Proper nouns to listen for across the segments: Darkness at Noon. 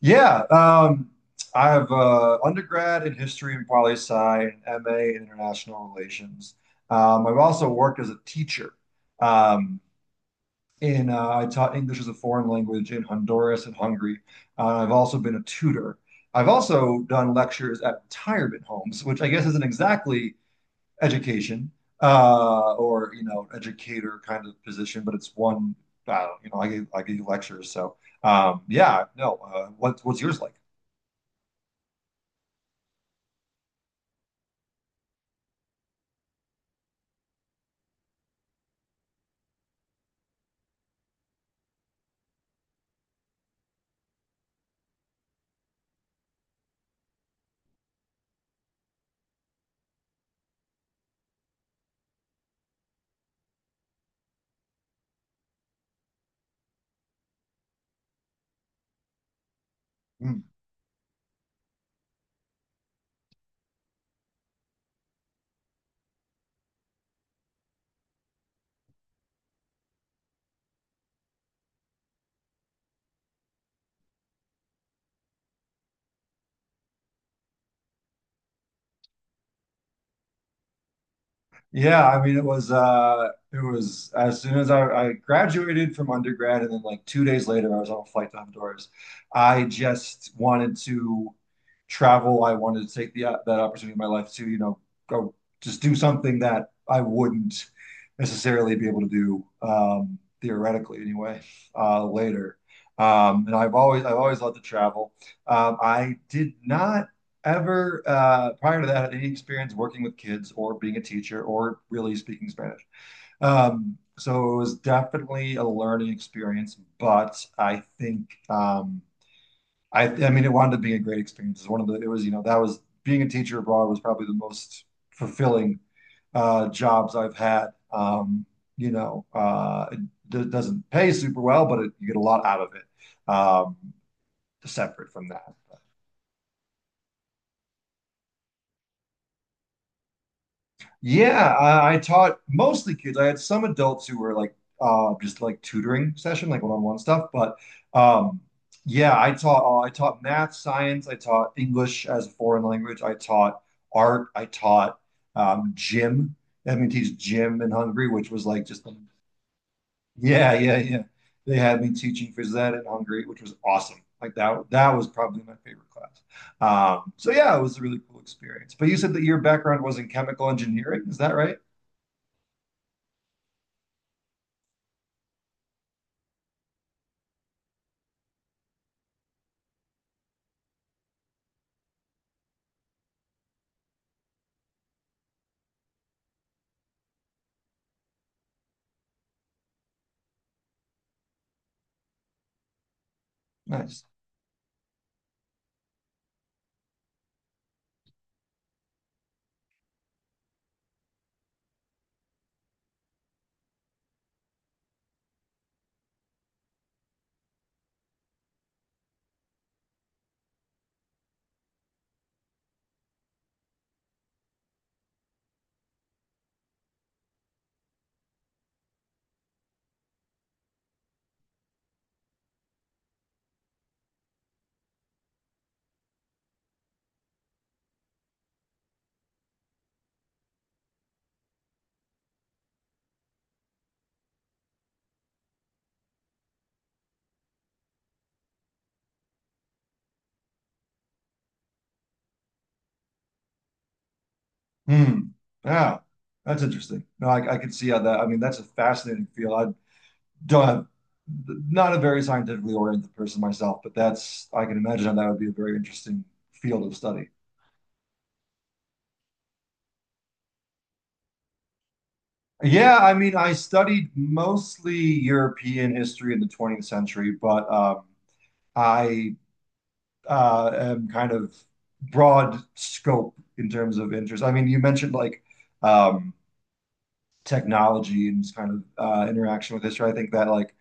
Yeah, um, I have undergrad in history and poli sci, and MA in international relations. I've also worked as a teacher. Um, in I taught English as a foreign language in Honduras and Hungary. I've also been a tutor. I've also done lectures at retirement homes, which I guess isn't exactly education or educator kind of position, but it's one. I don't, you know, I gave lectures. No. What's yours like? Mm. Yeah, I mean it was as soon as I graduated from undergrad and then like two days later I was on a flight to Honduras. I just wanted to travel. I wanted to take the that opportunity in my life to, go just do something that I wouldn't necessarily be able to do theoretically anyway later. And I've always loved to travel. I did not ever prior to that had any experience working with kids or being a teacher or really speaking Spanish. So it was definitely a learning experience, but I think I mean it wound up being a great experience. It's one of the it was you know that was being a teacher abroad was probably the most fulfilling jobs I've had. It doesn't pay super well, but you get a lot out of it. Separate from that. Yeah, I taught mostly kids. I had some adults who were like just like tutoring session, like one-on-one stuff, but um yeah, I taught math, science, I taught English as a foreign language, I taught art, I taught gym. They had me teach gym in Hungary, which was like just yeah, yeah, yeah. They had me teaching phys ed in Hungary, which was awesome. Like that was probably my favorite class. So yeah, it was a really cool experience. But you said that your background was in chemical engineering, is that right? Nice. Hmm. Yeah, that's interesting. No, I can see how that. I mean, that's a fascinating field. I don't have, not a very scientifically oriented person myself, but that's, I can imagine how that would be a very interesting field of study. Yeah, I mean, I studied mostly European history in the 20th century, but I am kind of broad scope in terms of interest. I mean, you mentioned like um, technology and just kind of interaction with history. I think that like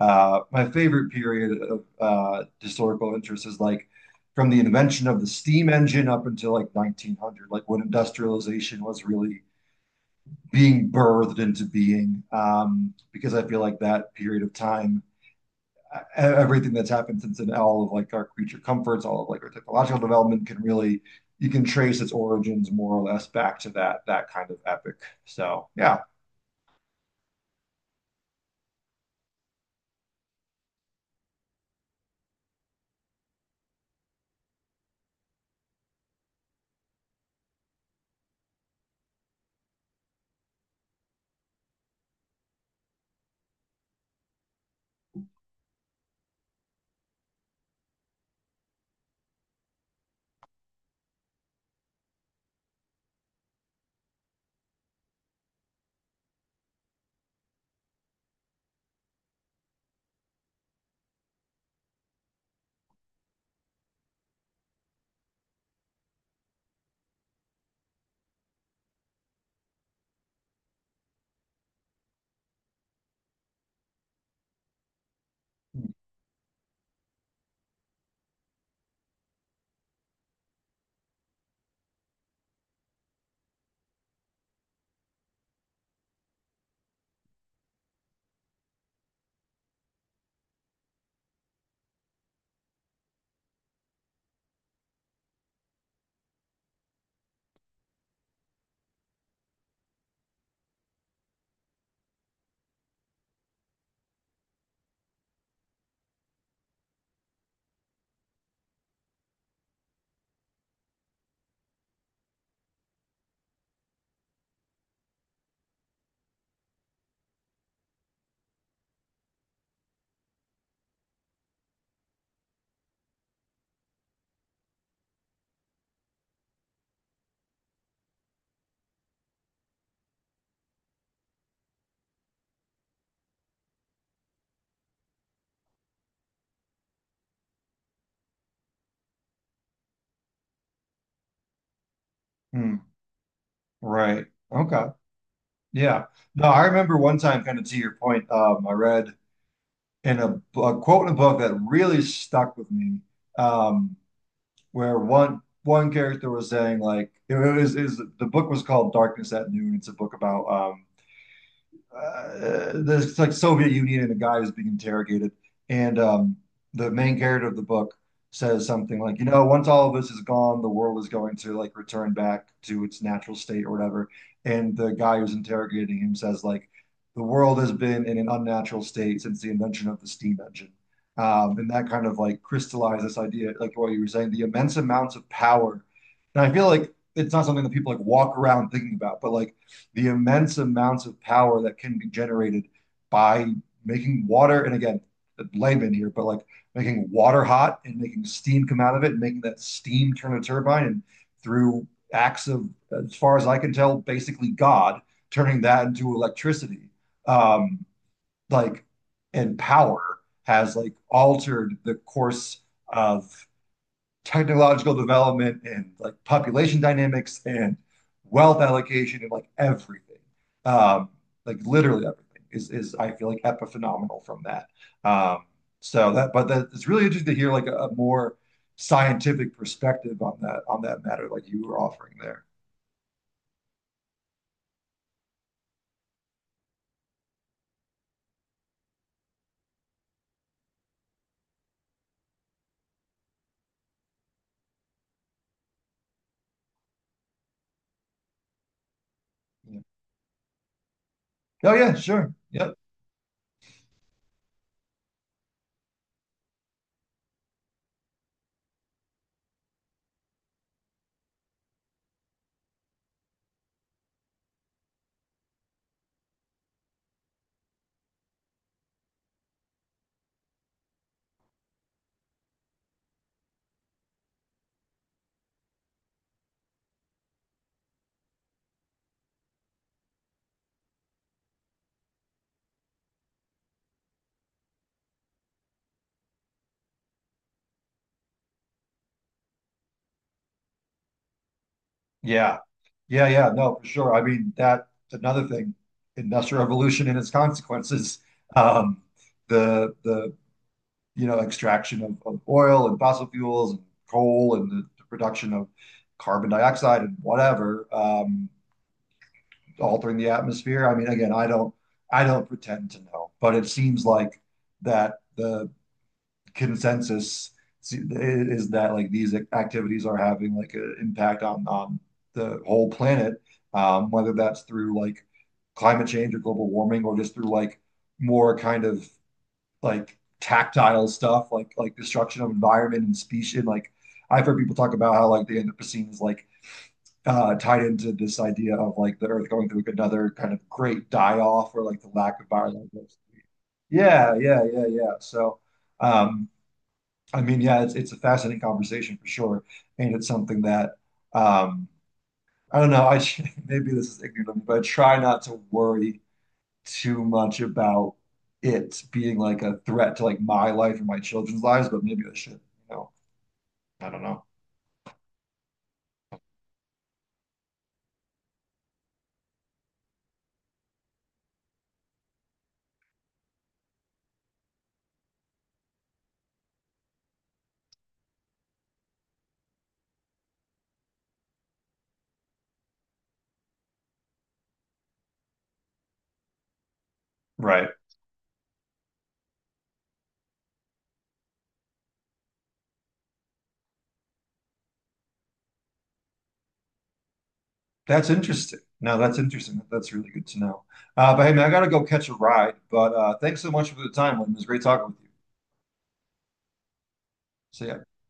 uh, my favorite period of historical interest is like from the invention of the steam engine up until like 1900, like when industrialization was really being birthed into being. Because I feel like that period of time, everything that's happened since then, all of like our creature comforts, all of like our technological development can really. You can trace its origins more or less back to that kind of epic. So yeah. Hmm. Right. Okay. Yeah. No, I remember one time, kind of to your point, I read in a a quote in a book that really stuck with me, um, where one character was saying like it was is the book was called Darkness at Noon. It's a book about there's like Soviet Union and a guy who's being interrogated, and the main character of the book says something like, once all of this is gone, the world is going to like return back to its natural state or whatever. And the guy who's interrogating him says like, the world has been in an unnatural state since the invention of the steam engine. And that kind of like crystallized this idea, like what you were saying, the immense amounts of power. And I feel like it's not something that people like walk around thinking about, but like the immense amounts of power that can be generated by making water, and again, layman here, but like making water hot and making steam come out of it and making that steam turn a turbine and through acts of, as far as I can tell, basically God turning that into electricity. Um, like, and power has like altered the course of technological development and like population dynamics and wealth allocation and like everything. Um, like literally everything is I feel like epiphenomenal from that. Um, so that it's really interesting to hear like a more scientific perspective on that matter, like you were offering there. Yeah. Oh yeah, sure. Yep. Yeah. Yeah, no, for sure. I mean, that another thing, industrial revolution and its consequences. Um, the extraction of oil and fossil fuels and coal and the production of carbon dioxide and whatever, altering the atmosphere. I mean, again, I don't pretend to know, but it seems like that the consensus is that like these activities are having like an impact on the whole planet, whether that's through like climate change or global warming or just through like more kind of like tactile stuff, like destruction of environment and species. Like I've heard people talk about how like the Anthropocene is like tied into this idea of like the Earth going through like, another kind of great die off or like the lack of biodiversity. Yeah, yeah. So, um, I mean, yeah, it's a fascinating conversation for sure, and it's something that um, I don't know. I maybe this is ignorant of me, but I try not to worry too much about it being like a threat to like my life or my children's lives, but maybe I should, you know, I don't know. Right. That's interesting. No, that's interesting. That's really good to know. But hey, man, I gotta go catch a ride. But thanks so much for the time, Lynn. It was great talking with you. See ya.